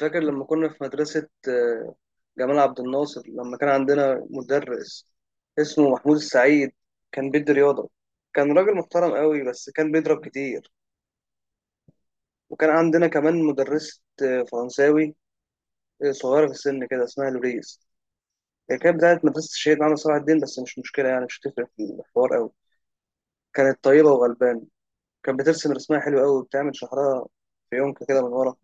فاكر لما كنا في مدرسة جمال عبد الناصر لما كان عندنا مدرس اسمه محمود السعيد. كان بيدي رياضة. كان راجل محترم قوي بس كان بيضرب كتير. وكان عندنا كمان مدرسة فرنساوي، صغيرة في السن كده اسمها لوريس. هي كانت بتاعت مدرسة الشهيد عمرو صلاح الدين بس مش مشكلة، يعني مش هتفرق في الحوار قوي. كانت طيبة وغلبانة. كانت بترسم رسمها حلو قوي وبتعمل شعرها في يونكة كده من ورا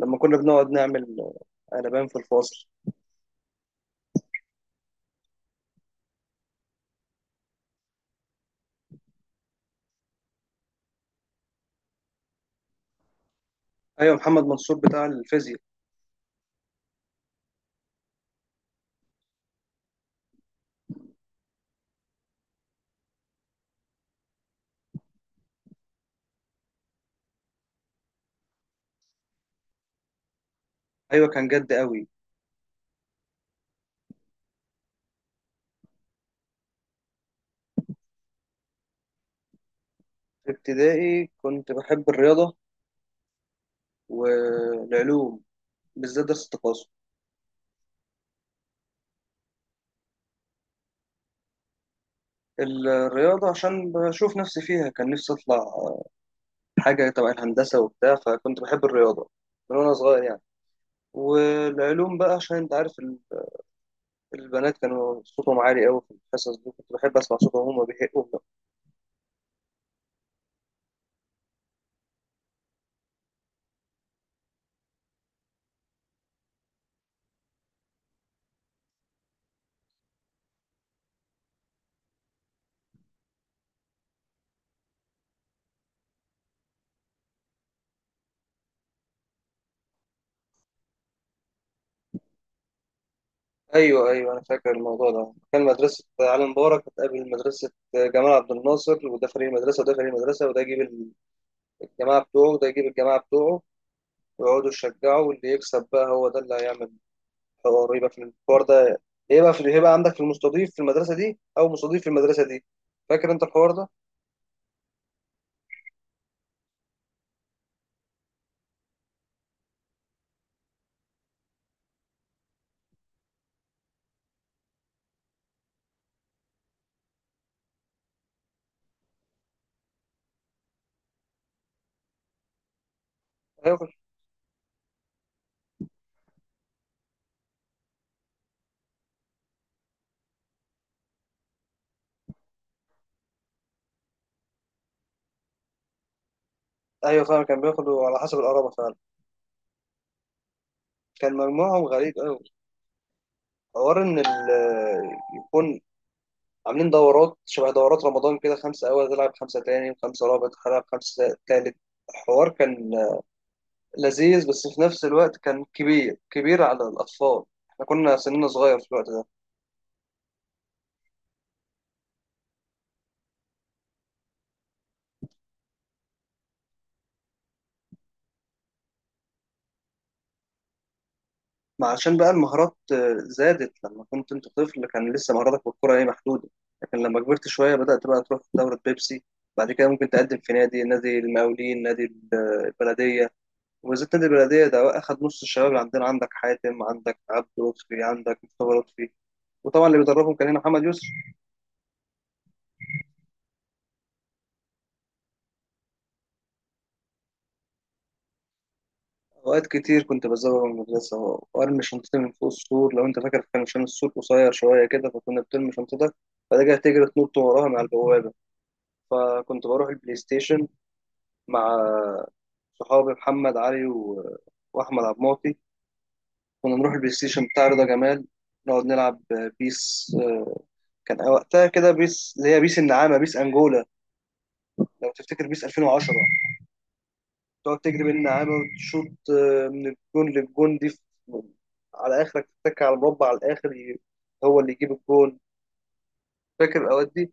لما كنا بنقعد نعمل قلبان في الفاصل. ايوه، محمد منصور بتاع الفيزياء. ايوه كان جد قوي. في ابتدائي كنت بحب الرياضه والعلوم، بالذات درس التقاسم. الرياضه عشان بشوف نفسي فيها، كان نفسي اطلع حاجه تبع الهندسه وبتاع، فكنت بحب الرياضه من وانا صغير يعني. والعلوم بقى عشان انت عارف البنات كانوا صوتهم عالي قوي في الحصص دي، كنت بحب اسمع صوتهم وهما بيهقوا. ايوه ايوه، انا فاكر الموضوع ده. كان مدرسه علي مبارك بتقابل مدرسه جمال عبد الناصر، وده فريق المدرسه وده فريق المدرسه، وده يجيب الجماعه بتوعه وده يجيب الجماعه بتوعه، ويقعدوا يشجعوا واللي يكسب بقى هو ده اللي هيعمل حوار. يبقى في الحوار ده يبقى في، هيبقى عندك في المستضيف في المدرسة دي أو مستضيف في المدرسة دي. فاكر أنت الحوار ده؟ هياخد. أيوة فعلا كان بياخدوا على حسب القرابة فعلا. كان مجموعهم غريب أوي. حوار إن يكون عاملين دورات، شبه دورات رمضان كده، خمسة أول تلعب خمسة تاني وخمسة رابع تلعب خمسة تالت. الحوار كان لذيذ بس في نفس الوقت كان كبير كبير على الأطفال، احنا كنا سننا صغير في الوقت ده. ما عشان بقى المهارات زادت. لما كنت انت طفل كان لسه مهاراتك بالكرة ايه، محدودة، لكن لما كبرت شوية بدأت بقى تروح دورة بيبسي. بعد كده ممكن تقدم في نادي المقاولين، نادي البلدية. وبالذات نادي البلدية ده أخد نص الشباب اللي عندنا، عندك حاتم عندك عبد لطفي عندك مصطفى لطفي. وطبعا اللي بيدربهم كان هنا محمد يسر. أوقات كتير كنت بزوغ من المدرسة وأرمي شنطتي من فوق السور. لو أنت فاكر كان عشان السور قصير شوية كده، فكنا بترمي شنطتك بعد كده تجري تنط وراها مع البوابة. فكنت بروح البلاي ستيشن مع صحابي محمد علي واحمد عبد المعطي. كنا نروح البلاي ستيشن بتاع رضا جمال، نقعد نلعب بيس. كان وقتها كده بيس اللي هي بيس النعامه، بيس انجولا، لو تفتكر بيس 2010. تقعد تجري بين النعامه وتشوط من الجون للجون دي في... على اخرك تتك على المربع على الاخر، هو اللي يجيب الجون. فاكر الاوقات دي.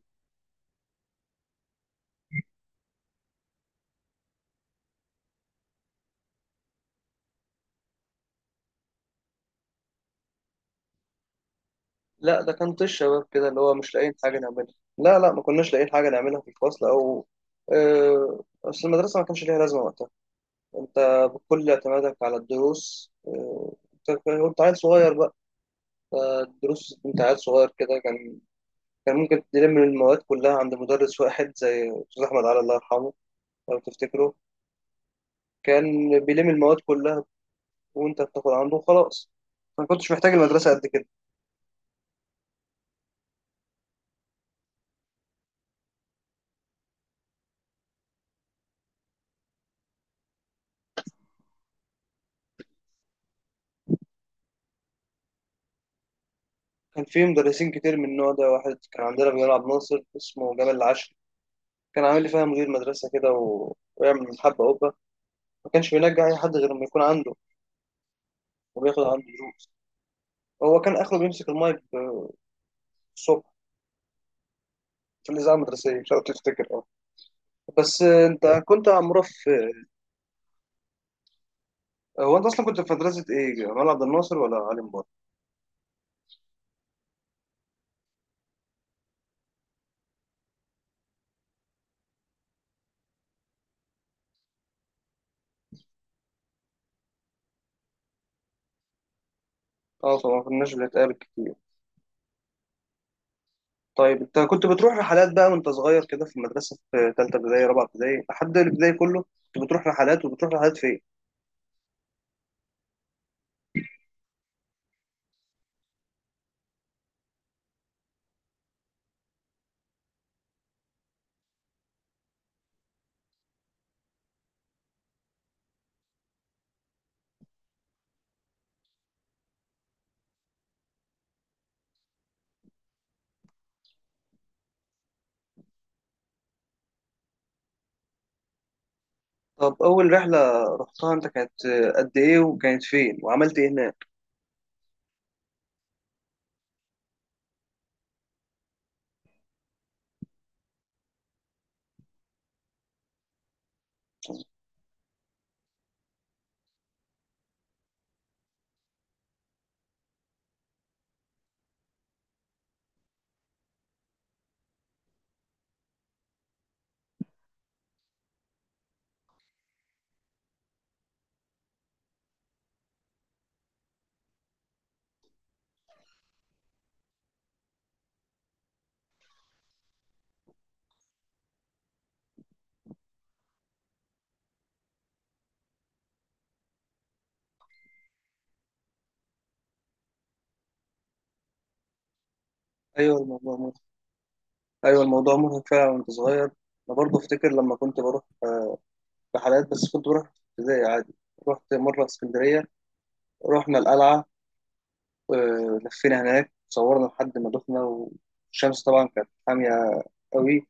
لا ده كان طيش شباب كده، اللي هو مش لاقيين حاجه نعملها. لا لا، ما كناش لاقيين حاجه نعملها في الفصل او، بس المدرسه ما كانش ليها لازمه وقتها. انت بكل اعتمادك على الدروس، انت كنت عيل صغير بقى، فالدروس انت عيل صغير كده، كان كان ممكن تلم المواد كلها عند مدرس واحد زي استاذ احمد علي الله يرحمه، لو تفتكره. كان بيلم المواد كلها وانت بتاخد عنده وخلاص، ما كنتش محتاج المدرسه قد كده. كان في مدرسين كتير من النوع ده. واحد كان عندنا بنلعب ناصر اسمه جمال العشري، كان عامل لي فيها مدير مدرسه كده ويعمل حبه قبه. ما كانش بينجح اي حد غير لما يكون عنده وبياخد عنده دروس. هو كان اخره بيمسك المايك الصبح في الإذاعة المدرسية، مش عارف تفتكر. اه، بس أنت كنت عمرة في، هو أنت أصلا كنت في مدرسة إيه؟ جمال عبد الناصر ولا علي مبارك؟ أه طبعا ما كناش بنتقابل كتير. طيب أنت كنت بتروح رحلات بقى وأنت صغير كده في المدرسة، في تالتة ابتدائي رابعة ابتدائي لحد الابتدائي كله، كنت بتروح رحلات وبتروح رحلات فين؟ طب أول رحلة رحتها أنت كانت قد إيه وكانت فين؟ وعملت إيه هناك؟ أيوه الموضوع مرهق، أيوه الموضوع مرهق فعلا وأنت صغير. أنا برضه أفتكر لما كنت بروح رحلات، بس كنت بروح في ابتدائي عادي. رحت مرة اسكندرية، رحنا القلعة، لفينا هناك صورنا لحد ما دخنا، والشمس طبعا كانت حامية قوي.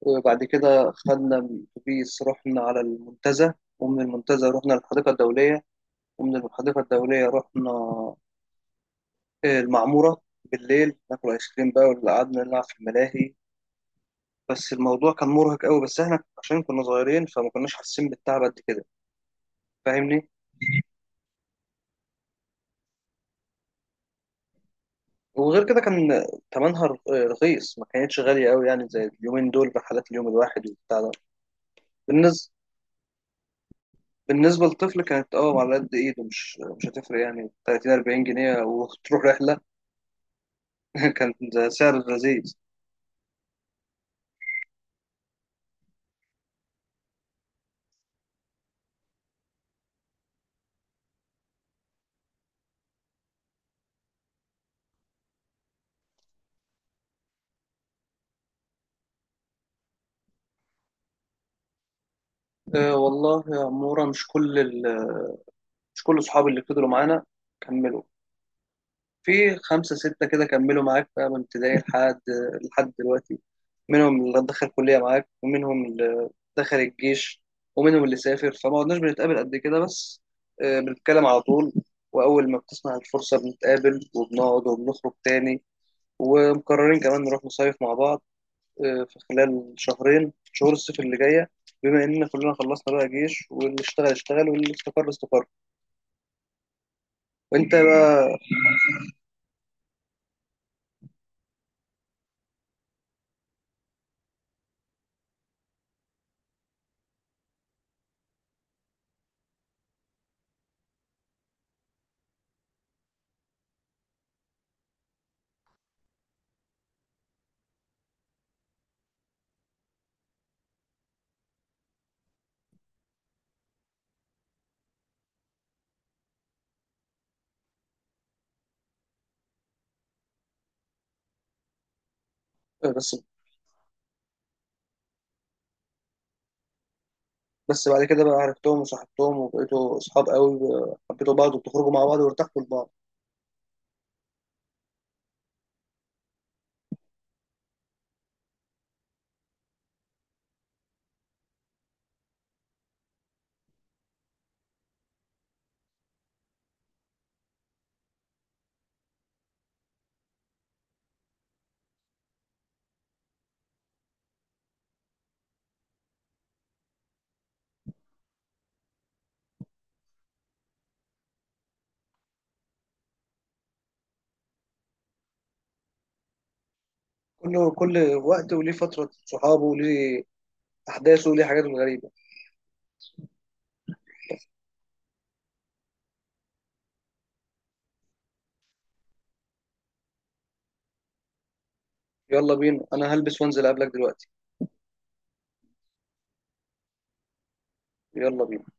وبعد كده خدنا أتوبيس رحنا على المنتزه، ومن المنتزه رحنا للحديقة الدولية، ومن الحديقة الدولية رحنا المعمورة بالليل ناكل آيس كريم بقى، واللي قعدنا نلعب في الملاهي. بس الموضوع كان مرهق قوي، بس احنا عشان كنا صغيرين فما كناش حاسين بالتعب قد كده. فاهمني. وغير كده كان تمنها رخيص، ما كانتش غالية قوي يعني زي اليومين دول رحلات اليوم الواحد وبتاع ده. بالنسبة بالنسبة للطفل كانت اه على قد ايده، مش هتفرق، يعني 30 40 جنيه وتروح رحلة. كان ده سعر لذيذ. أه والله يا عمورة، مش كل مش كل اصحابي اللي فضلوا معانا كملوا. في خمسة ستة كده كملوا معاك بقى من ابتدائي لحد، لحد دلوقتي. منهم اللي دخل كلية معاك، ومنهم اللي دخل الجيش، ومنهم اللي سافر، فما قعدناش بنتقابل قد كده. بس أه بنتكلم على طول، وأول ما بتسمع الفرصة بنتقابل وبنقعد وبنخرج تاني. ومقررين كمان نروح نصيف مع بعض، في خلال شهرين شهور الصيف اللي جاية، بما إننا كلنا خلصنا بقى جيش، واللي اشتغل اشتغل واللي استقر استقر. وأنت بقى. آه، بس بس بعد كده بقى عرفتهم وصاحبتهم وبقيتوا أصحاب قوي، حبيتوا بعض وبتخرجوا مع بعض وارتحتوا لبعض. كل وقت وليه فترة صحابه وليه أحداثه وليه حاجاته الغريبة. يلا بينا، أنا هلبس وأنزل أقابلك دلوقتي. يلا بينا.